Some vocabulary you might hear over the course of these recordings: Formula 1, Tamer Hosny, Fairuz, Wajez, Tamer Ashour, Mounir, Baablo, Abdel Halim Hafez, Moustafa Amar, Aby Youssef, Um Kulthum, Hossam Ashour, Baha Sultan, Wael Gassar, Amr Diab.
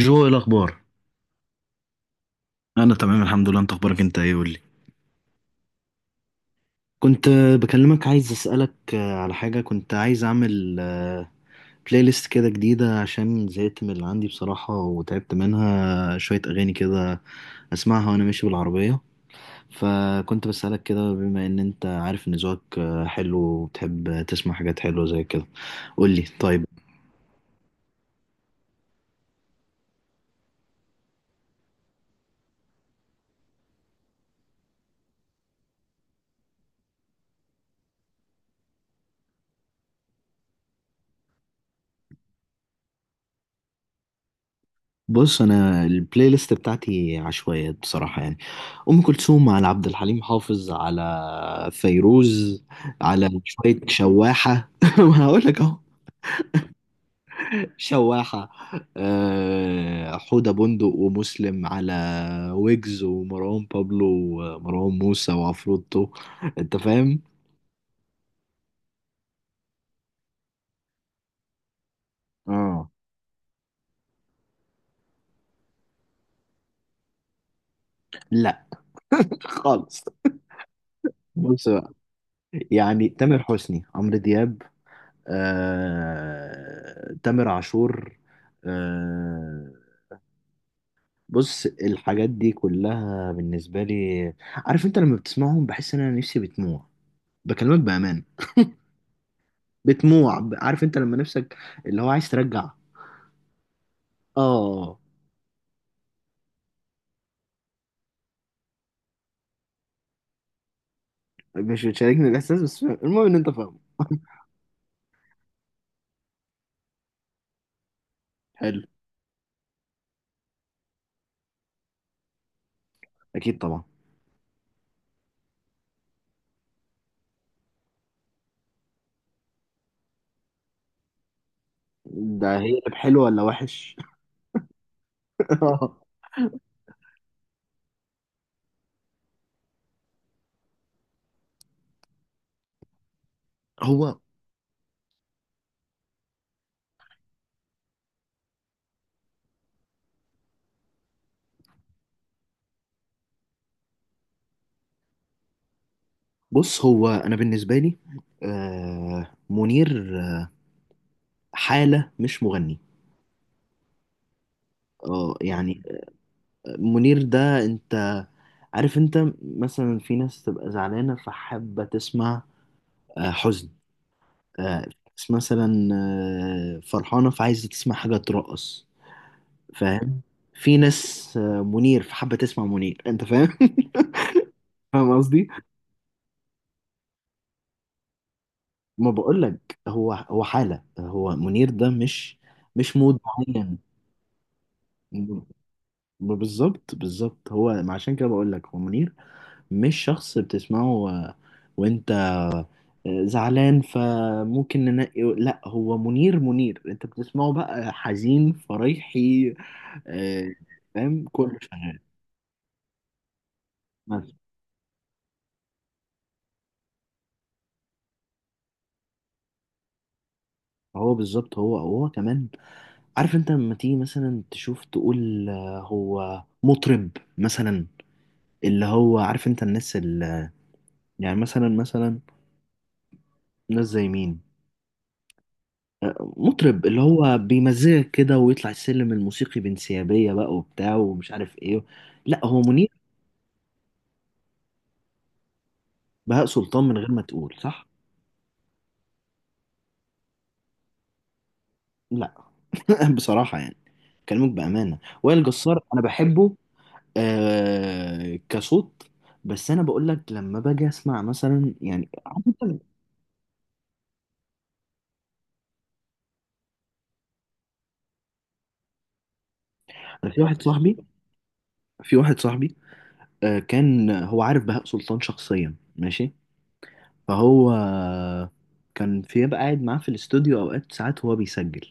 جو ايه الاخبار؟ انا تمام الحمد لله. انت اخبارك، انت ايه؟ قول لي. كنت بكلمك، عايز اسالك على حاجه. كنت عايز اعمل بلاي ليست كده جديده، عشان زهقت من اللي عندي بصراحه وتعبت منها، شويه اغاني كده اسمعها وانا ماشي بالعربيه. فكنت بسالك كده، بما ان انت عارف ان ذوقك حلو وبتحب تسمع حاجات حلوه زي كده. قول لي طيب. بص، انا البلاي ليست بتاعتي عشوائيات بصراحه، يعني ام كلثوم، على عبد الحليم حافظ، على فيروز، على شويه شواحه. ما هقول لك اهو. شواحه، حوده بندق ومسلم، على ويجز ومروان بابلو ومروان موسى وعفروتو. انت فاهم. اه. لا، خالص. بص بقى، يعني تامر حسني، عمرو دياب، تامر عاشور، آه... بص الحاجات دي كلها بالنسبة لي، عارف انت لما بتسمعهم بحس ان انا نفسي بتموع. بكلمك بأمان. بتموع، عارف انت لما نفسك اللي هو عايز ترجع. اه. مش بتشاركني الاحساس بس فاهم. المهم ان انت فاهمه. حلو. اكيد طبعا. ده هي حلو ولا وحش؟ هو بص، هو انا بالنسبة لي آه منير حالة، مش مغني. اه يعني، منير ده انت عارف، انت مثلا في ناس تبقى زعلانة فحابة تسمع حزن. ناس مثلا فرحانة فعايزة تسمع حاجة ترقص، فاهم. في ناس منير، فحابة تسمع منير، انت فاهم. فاهم قصدي. ما بقولك هو حالة، هو منير ده مش مود معين. ب- بالظبط، بالظبط، هو عشان كده بقولك هو منير مش شخص بتسمعه و... وانت زعلان فممكن ننقي. لا، هو منير. منير انت بتسمعه بقى حزين، فرايحي، آه، فاهم. كله شغال. بس هو بالظبط، هو هو كمان، عارف انت لما تيجي مثلا تشوف تقول هو مطرب مثلا، اللي هو عارف، انت الناس اللي يعني، مثلا، ناس زي مين؟ مطرب اللي هو بيمزجك كده، ويطلع السلم الموسيقي بانسيابية بقى وبتاع ومش عارف ايه. لا، هو منير. بهاء سلطان من غير ما تقول، صح. لا. بصراحة يعني، كلامك بأمانة، وائل جسار أنا بحبه آه كصوت. بس أنا بقول لك لما باجي أسمع مثلا، يعني عارف أنت، أنا في واحد صاحبي، في واحد صاحبي آه كان هو عارف بهاء سلطان شخصيا، ماشي. فهو كان في بقى قاعد معاه في الاستوديو أوقات، ساعات هو بيسجل.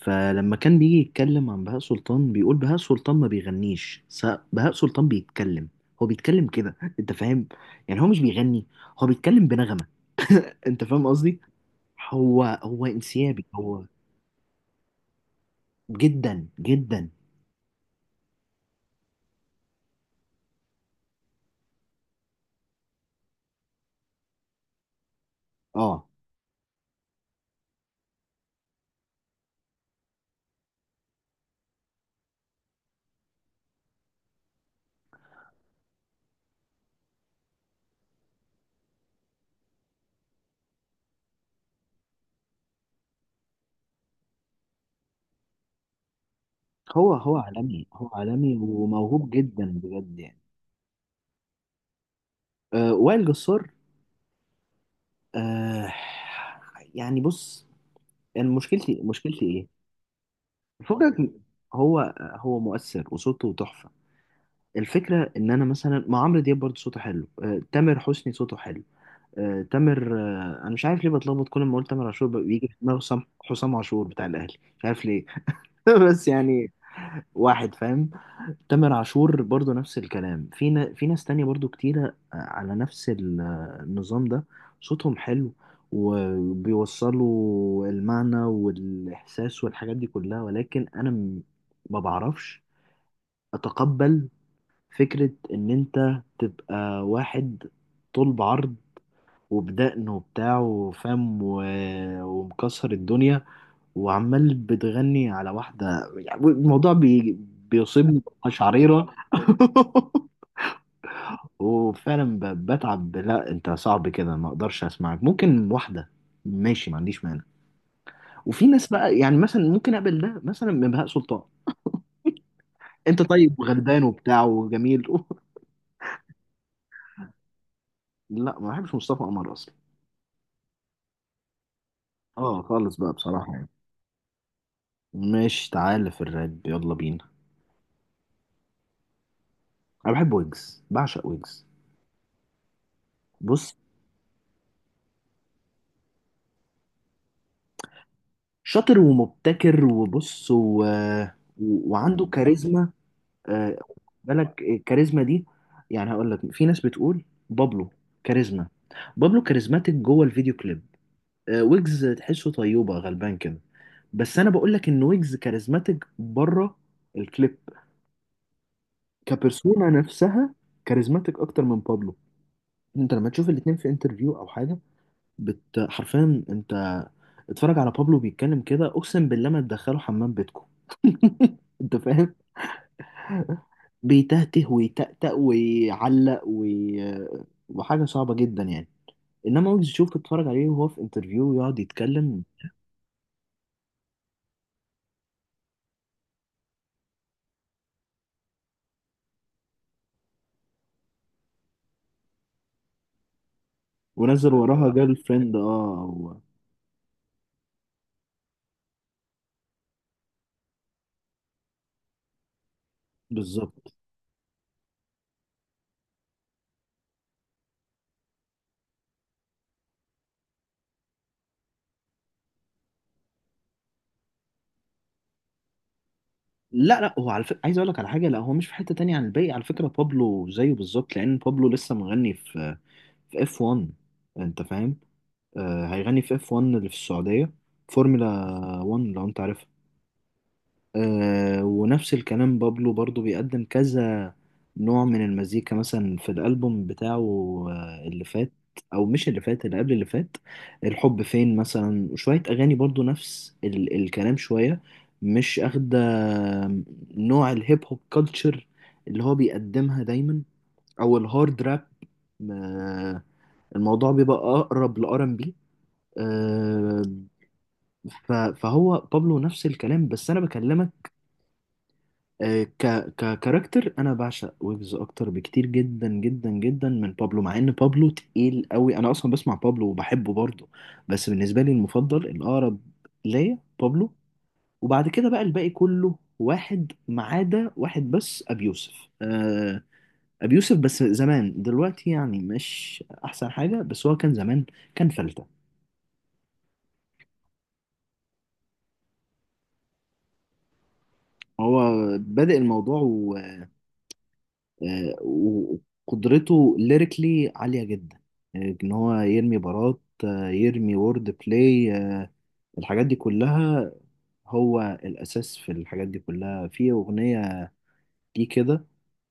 فلما كان بيجي يتكلم عن بهاء سلطان، بيقول بهاء سلطان ما بيغنيش، بهاء سلطان بيتكلم. هو بيتكلم كده، أنت فاهم. يعني هو مش بيغني، هو بيتكلم بنغمة. انت فاهم قصدي. هو انسيابي هو. جدا جدا. اه، هو عالمي، هو عالمي وموهوب جدا بجد يعني. آه وائل جسار، آه يعني بص، يعني مشكلتي ايه؟ فكك م- هو هو مؤثر وصوته تحفة. الفكرة ان انا مثلا مع عمرو دياب برضه صوته حلو، آه تامر حسني صوته حلو. تامر، انا مش عارف ليه بتلخبط، كل ما اقول تامر عاشور بقى بيجي في دماغي حسام، حسام عاشور بتاع الاهلي، مش عارف ليه. بس يعني واحد، فاهم. تامر عاشور برضو نفس الكلام. في في ناس تانية برضو كتيرة على نفس النظام ده، صوتهم حلو وبيوصلوا المعنى والإحساس والحاجات دي كلها. ولكن أنا ما بعرفش أتقبل فكرة إن أنت تبقى واحد طول بعرض وبدقنه وبتاع وفم و... ومكسر الدنيا وعمال بتغني على واحدة. يعني الموضوع بيصيبني قشعريرة. وفعلا بتعب. لا انت صعب كده، ما اقدرش اسمعك. ممكن واحدة ماشي، ما عنديش مانع. وفي ناس بقى، يعني مثلا ممكن اقبل ده مثلا من بهاء سلطان. انت طيب وغلبان وبتاع وجميل. لا ما بحبش مصطفى قمر اصلا. اه خالص بقى، بصراحة يعني. ماشي، تعالى في الراب، يلا بينا. انا بحب ويجز، بعشق ويجز. بص شاطر ومبتكر وبص و... و... وعنده كاريزما. آه، بالك الكاريزما دي، يعني هقول لك في ناس بتقول بابلو كاريزما، بابلو كاريزماتيك جوه الفيديو كليب. ويجز تحسه طيوبة غلبان كده، بس انا بقول لك ان ويجز كاريزماتيك بره الكليب، كبرسونا نفسها، كاريزماتيك اكتر من بابلو. انت لما تشوف الاتنين في انترفيو او حاجه، حرفيا انت اتفرج على بابلو بيتكلم كده، اقسم بالله ما تدخله حمام بيتكم، انت فاهم. بيتهته ويتأتأ ويعلق وحاجة صعبة جدا يعني. انما ويجز شوف، تتفرج عليه وهو في انترفيو ويقعد يتكلم. ونزل وراها جيرل فريند، اه هو بالظبط. لا لا، هو على فكرة عايز اقول لك على حاجة، لا هو مش في حتة تانية عن الباقي على فكرة، بابلو زيه بالظبط، لان بابلو لسه مغني في في اف 1، انت فاهم. آه، هيغني في اف 1 اللي في السعودية، فورمولا 1 لو انت عارف. آه، ونفس الكلام بابلو برضو بيقدم كذا نوع من المزيكا، مثلا في الألبوم بتاعه آه اللي فات، أو مش اللي فات، اللي قبل اللي فات، الحب فين مثلا، وشوية أغاني برضو نفس ال الكلام، شوية مش أخدة نوع الهيب هوب كلتشر اللي هو بيقدمها دايما، أو الهارد راب آه، الموضوع بيبقى أقرب لآر ام بي آه. فهو بابلو نفس الكلام، بس أنا بكلمك آه، ك ككاركتر، انا بعشق ويجز اكتر بكتير جدا جدا جدا من بابلو، مع ان بابلو تقيل قوي، انا اصلا بسمع بابلو وبحبه برضه. بس بالنسبه لي المفضل الاقرب ليا بابلو، وبعد كده بقى الباقي كله واحد، ما عدا واحد بس، ابي يوسف. ابي يوسف بس زمان، دلوقتي يعني مش احسن حاجه، بس هو كان زمان كان فلته. هو بادئ الموضوع، آه، وقدرته ليريكلي عالية جدا، ان هو يرمي بارات، يرمي وورد بلاي، الحاجات دي كلها هو الاساس في الحاجات دي كلها. في اغنية دي كده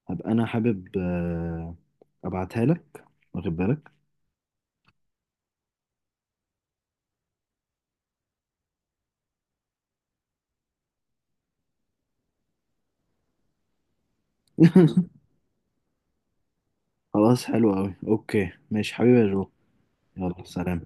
هبقى انا حابب ابعتها لك، واخد بالك. خلاص، حلو قوي، اوكي، ماشي حبيبي يا جو. يلا، سلام.